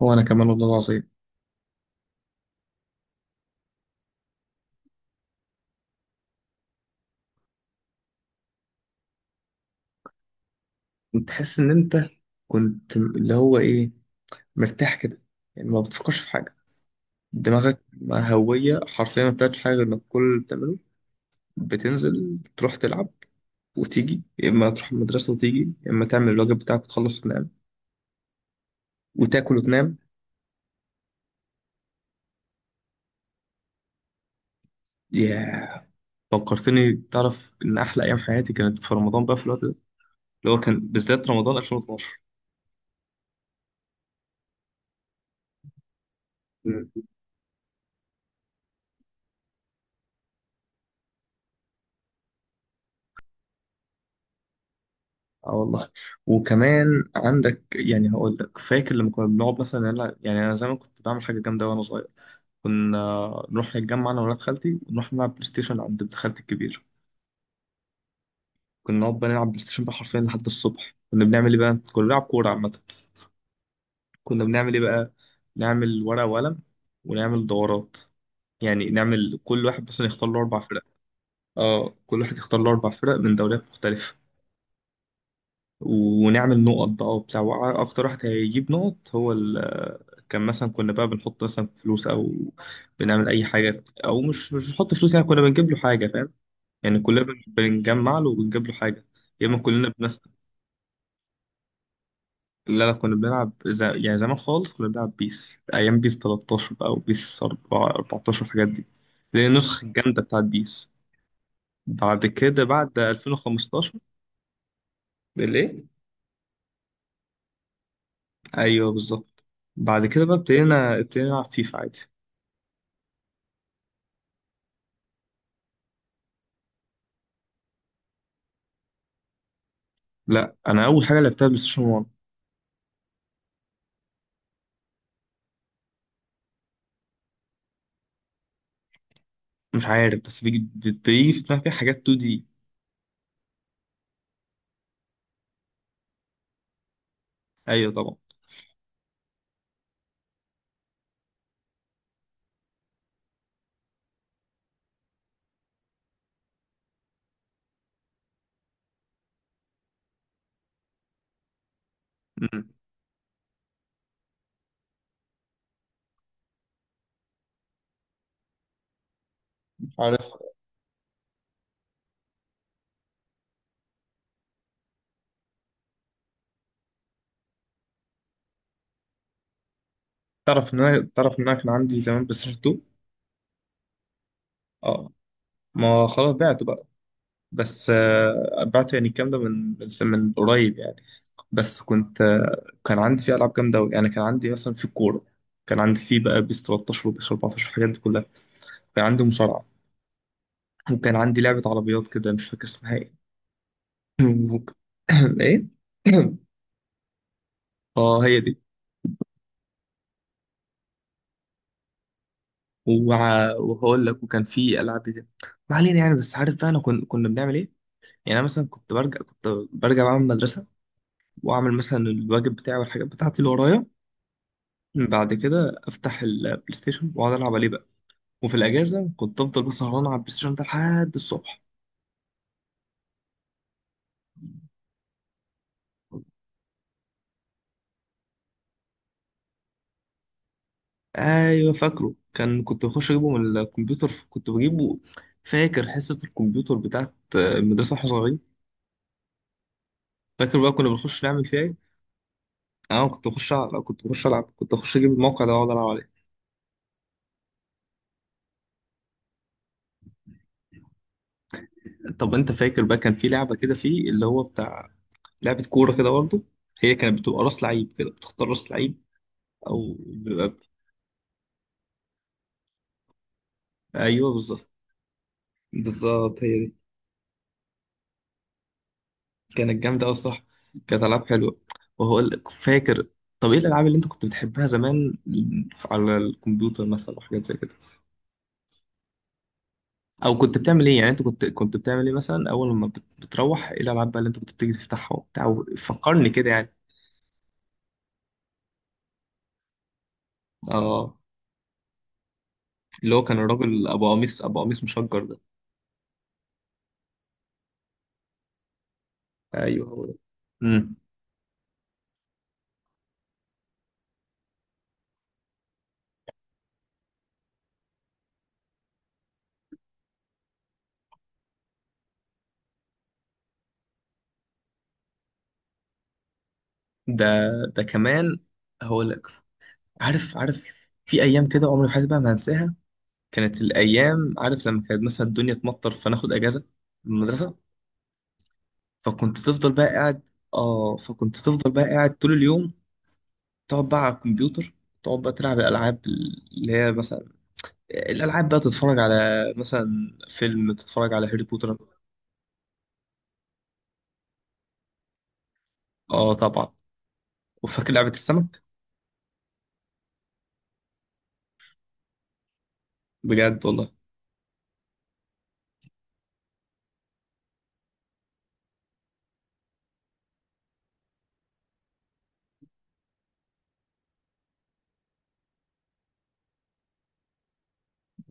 وانا كمان والله العظيم. تحس ان انت كنت اللي هو ايه، مرتاح كده، يعني ما بتفكرش في حاجه، دماغك هويه حرفيا ما بتعملش حاجه غير انك كل اللي بتعمله بتنزل تروح تلعب وتيجي يا اما تروح المدرسه وتيجي يا اما تعمل الواجب بتاعك وتخلص وتنام وتاكل وتنام. ياه، فكرتني، تعرف ان احلى ايام حياتي كانت في رمضان بقى في الوقت ده، اللي هو كان بالذات رمضان 2012. اه والله. وكمان عندك يعني هقول لك، فاكر لما كنا بنقعد مثلا نلعب، يعني انا زمان كنت بعمل حاجه جامده وانا صغير. كنا نروح نتجمع انا وولاد خالتي ونروح نلعب بلاي ستيشن عند ابن خالتي الكبير. كنا نقعد بقى نلعب بلاي ستيشن بقى حرفيا لحد الصبح. كنا بنعمل ايه بقى؟ كنا بنلعب كوره عامه. كنا بنعمل ايه بقى؟ نعمل ورقه وقلم ونعمل دورات، يعني نعمل كل واحد مثلا يختار له اربع فرق. اه، كل واحد يختار له اربع فرق من دوريات مختلفه. ونعمل نقط بقى وبتاع، اكتر واحد هيجيب نقط هو ال، كان مثلا كنا بقى بنحط مثلا فلوس او بنعمل اي حاجه، او مش بنحط فلوس، يعني كنا بنجيب له حاجه فاهم؟ يعني كلنا بنجمع له وبنجيب له حاجه. يا اما كلنا بنس. لا لا، كنا بنلعب يعني زمان خالص كنا بنلعب بيس، ايام بيس 13 بقى وبيس 4، 14، الحاجات دي. دي النسخه الجامده بتاعت بيس. بعد كده بعد 2015. بالايه؟ ايوه بالظبط. بعد كده بقى ابتدينا نلعب فيفا عادي. لا، انا اول حاجه لعبتها بلاي ستيشن 1. مش عارف بس بتيجي في دماغي حاجات 2 دي. ايوه طبعا. مم. عارف. تعرف ان انا، تعرف ان انا كان عندي زمان بلاي ستيشن 2. اه، ما خلاص بعته بقى، بس بعته يعني الكلام ده من، من قريب يعني. بس كنت كان عندي فيه العاب جامده قوي، يعني كان عندي مثلا في الكوره، كان عندي فيه بقى بيس 13 وبيس 14 والحاجات دي كلها. كان عندي مصارعه وكان عندي لعبه عربيات كده، مش فاكر اسمها ايه. ايه. اه هي دي. وهقول لك وكان في العاب كده، ما علينا يعني. بس عارف بقى انا كنا بنعمل ايه، يعني انا مثلا كنت برجع، كنت برجع بقى من المدرسه واعمل مثلا الواجب بتاعي والحاجات بتاعتي اللي ورايا. بعد كده افتح البلاي ستيشن واقعد العب عليه بقى. وفي الاجازه كنت افضل بقى سهران على البلاي ستيشن ده لحد الصبح. ايوه فاكره، كان كنت بخش اجيبه من الكمبيوتر، كنت بجيبه. فاكر حصه الكمبيوتر بتاعت المدرسه واحنا صغيرين؟ فاكر بقى كنا بنخش نعمل فيها ايه؟ انا كنت كنت بخش العب، كنت بخش اجيب الموقع ده واقعد العب عليه. طب انت فاكر بقى كان في لعبه كده فيه اللي هو بتاع، لعبه كوره كده برضه، هي كانت بتبقى راس لعيب كده، بتختار راس لعيب او بيبقى. ايوه بالظبط، بالظبط هي دي. كانت جامده قوي الصراحه. كانت العاب حلوه. وهو لك فاكر، طب ايه الالعاب اللي انت كنت بتحبها زمان على الكمبيوتر مثلا وحاجات زي كده؟ او كنت بتعمل ايه يعني، انت كنت بتعمل ايه مثلا اول ما بتروح، ايه الالعاب بقى اللي انت كنت بتيجي تفتحها وبتاع، فكرني كده يعني. اه اللي هو كان الراجل ابو قميص، ابو قميص مشجر ده. ايوه هو ده. مم. ده، ده كمان هقول لك، عارف عارف في ايام كده عمري في حياتي بقى ما هنساها. كانت الايام، عارف لما كانت مثلا الدنيا تمطر فناخد اجازه من المدرسه، فكنت تفضل بقى قاعد، اه فكنت تفضل بقى قاعد طول اليوم، تقعد بقى على الكمبيوتر، تقعد بقى تلعب الالعاب اللي هي مثلا الالعاب بقى، تتفرج على مثلا فيلم، تتفرج على هاري بوتر. اه طبعا. وفاكر لعبه السمك. بجد والله.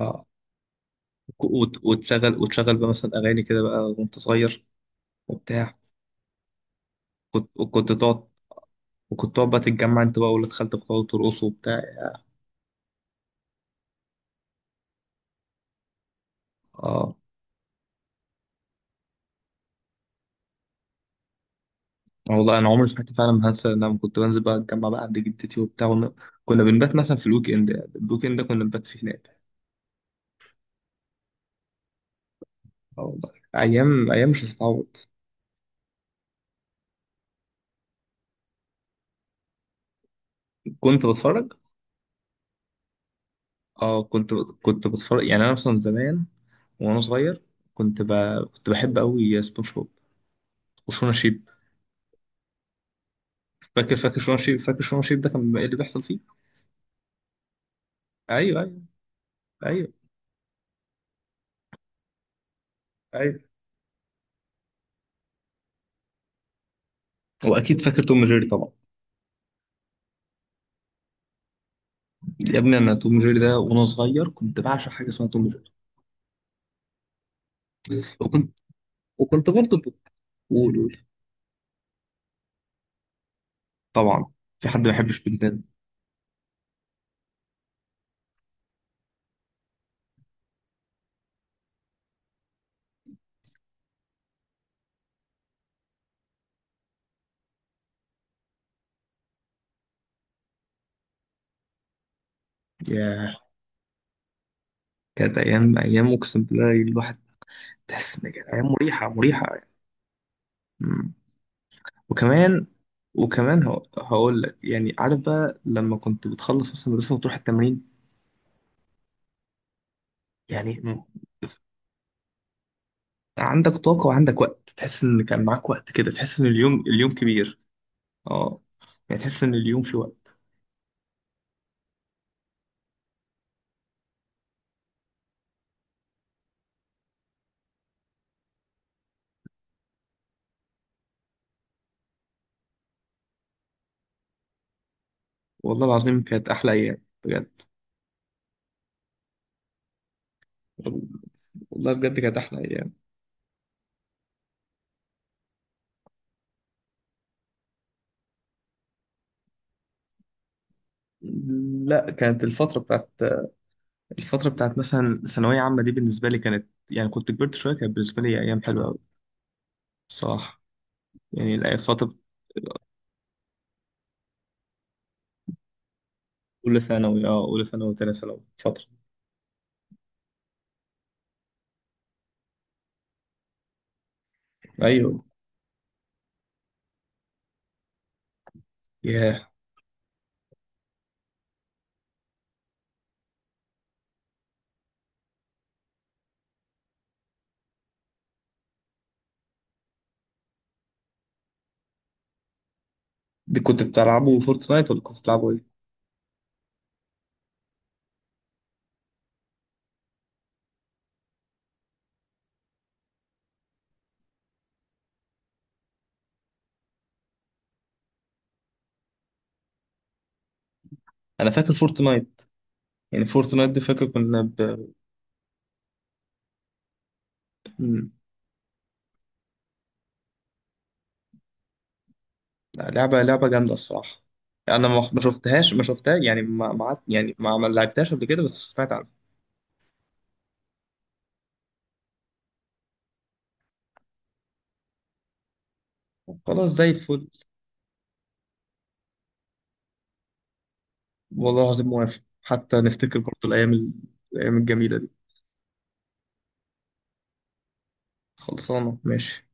آه. وتشغل، وتشغل بقى مثلا اغاني كده بقى وانت صغير وبتاع. وكنت تقعد، وكنت تقعد بقى تتجمع انت بقى واللاد خالتك وتقعدوا ترقصوا وبتاع. اه والله انا عمري في حياتي فعلا ما هنسى إن انا كنت بنزل بقى اتجمع بقى عند جدتي وبتاع كنا بنبات مثلا في الويك اند، الويك اند ده كنا بنبات فيه هناك. اه والله، ايام ايام مش هتتعوض. كنت بتفرج. اه كنت، كنت بتفرج، يعني انا مثلا زمان وانا صغير، كنت ب... كنت بحب قوي سبونج بوب وشونا شيب. فاكر، فاكر شونا شيب، فاكر شونا شيب ده كان ايه اللي بيحصل فيه؟ ايوه ايوه ايوه ايوه. واكيد فاكر توم جيري طبعا. يا ابني انا توم جيري ده وانا صغير كنت بعشق حاجه اسمها توم جيري. وكنت، وكنت برضه، بقول. طبعا، في حد ما بيحبش بنتان؟ ياه، كانت ايام، ايام اقسم بالله الواحد تحس ان كانت ايام مريحه، مريحه يعني. مم. وكمان، وكمان هقول لك، يعني عارف بقى لما كنت بتخلص مثلا المدرسه وتروح التمرين، يعني مم. عندك طاقه وعندك وقت، تحس ان كان معاك وقت كده، تحس ان اليوم، اليوم كبير. اه، يعني تحس ان اليوم في وقت. والله العظيم كانت احلى ايام بجد. والله بجد كانت احلى ايام. لا، كانت الفتره بتاعت، الفتره بتاعت مثلا ثانويه عامه دي بالنسبه لي كانت، يعني كنت كبرت شويه، كانت بالنسبه لي ايام حلوه قوي بصراحه. يعني فتره اولى ثانوي، اه اولى ثانوي وثانيه ثانوي فتره. ايوه. ياه، دي كنت بتلعبوا فورتنايت ولا كنت بتلعبوا ايه؟ انا فاكر فورتنايت، يعني فورتنايت دي فاكر كنا ب... لعبة لعبة جامدة الصراحة. أنا ما شفتهاش، ما شفتها يعني، ما ما عد- يعني ما لعبتهاش قبل كده بس سمعت عنها. خلاص زي الفل. والله العظيم موافق، حتى نفتكر برضه الأيام الأيام الجميلة دي. خلصانة ماشي.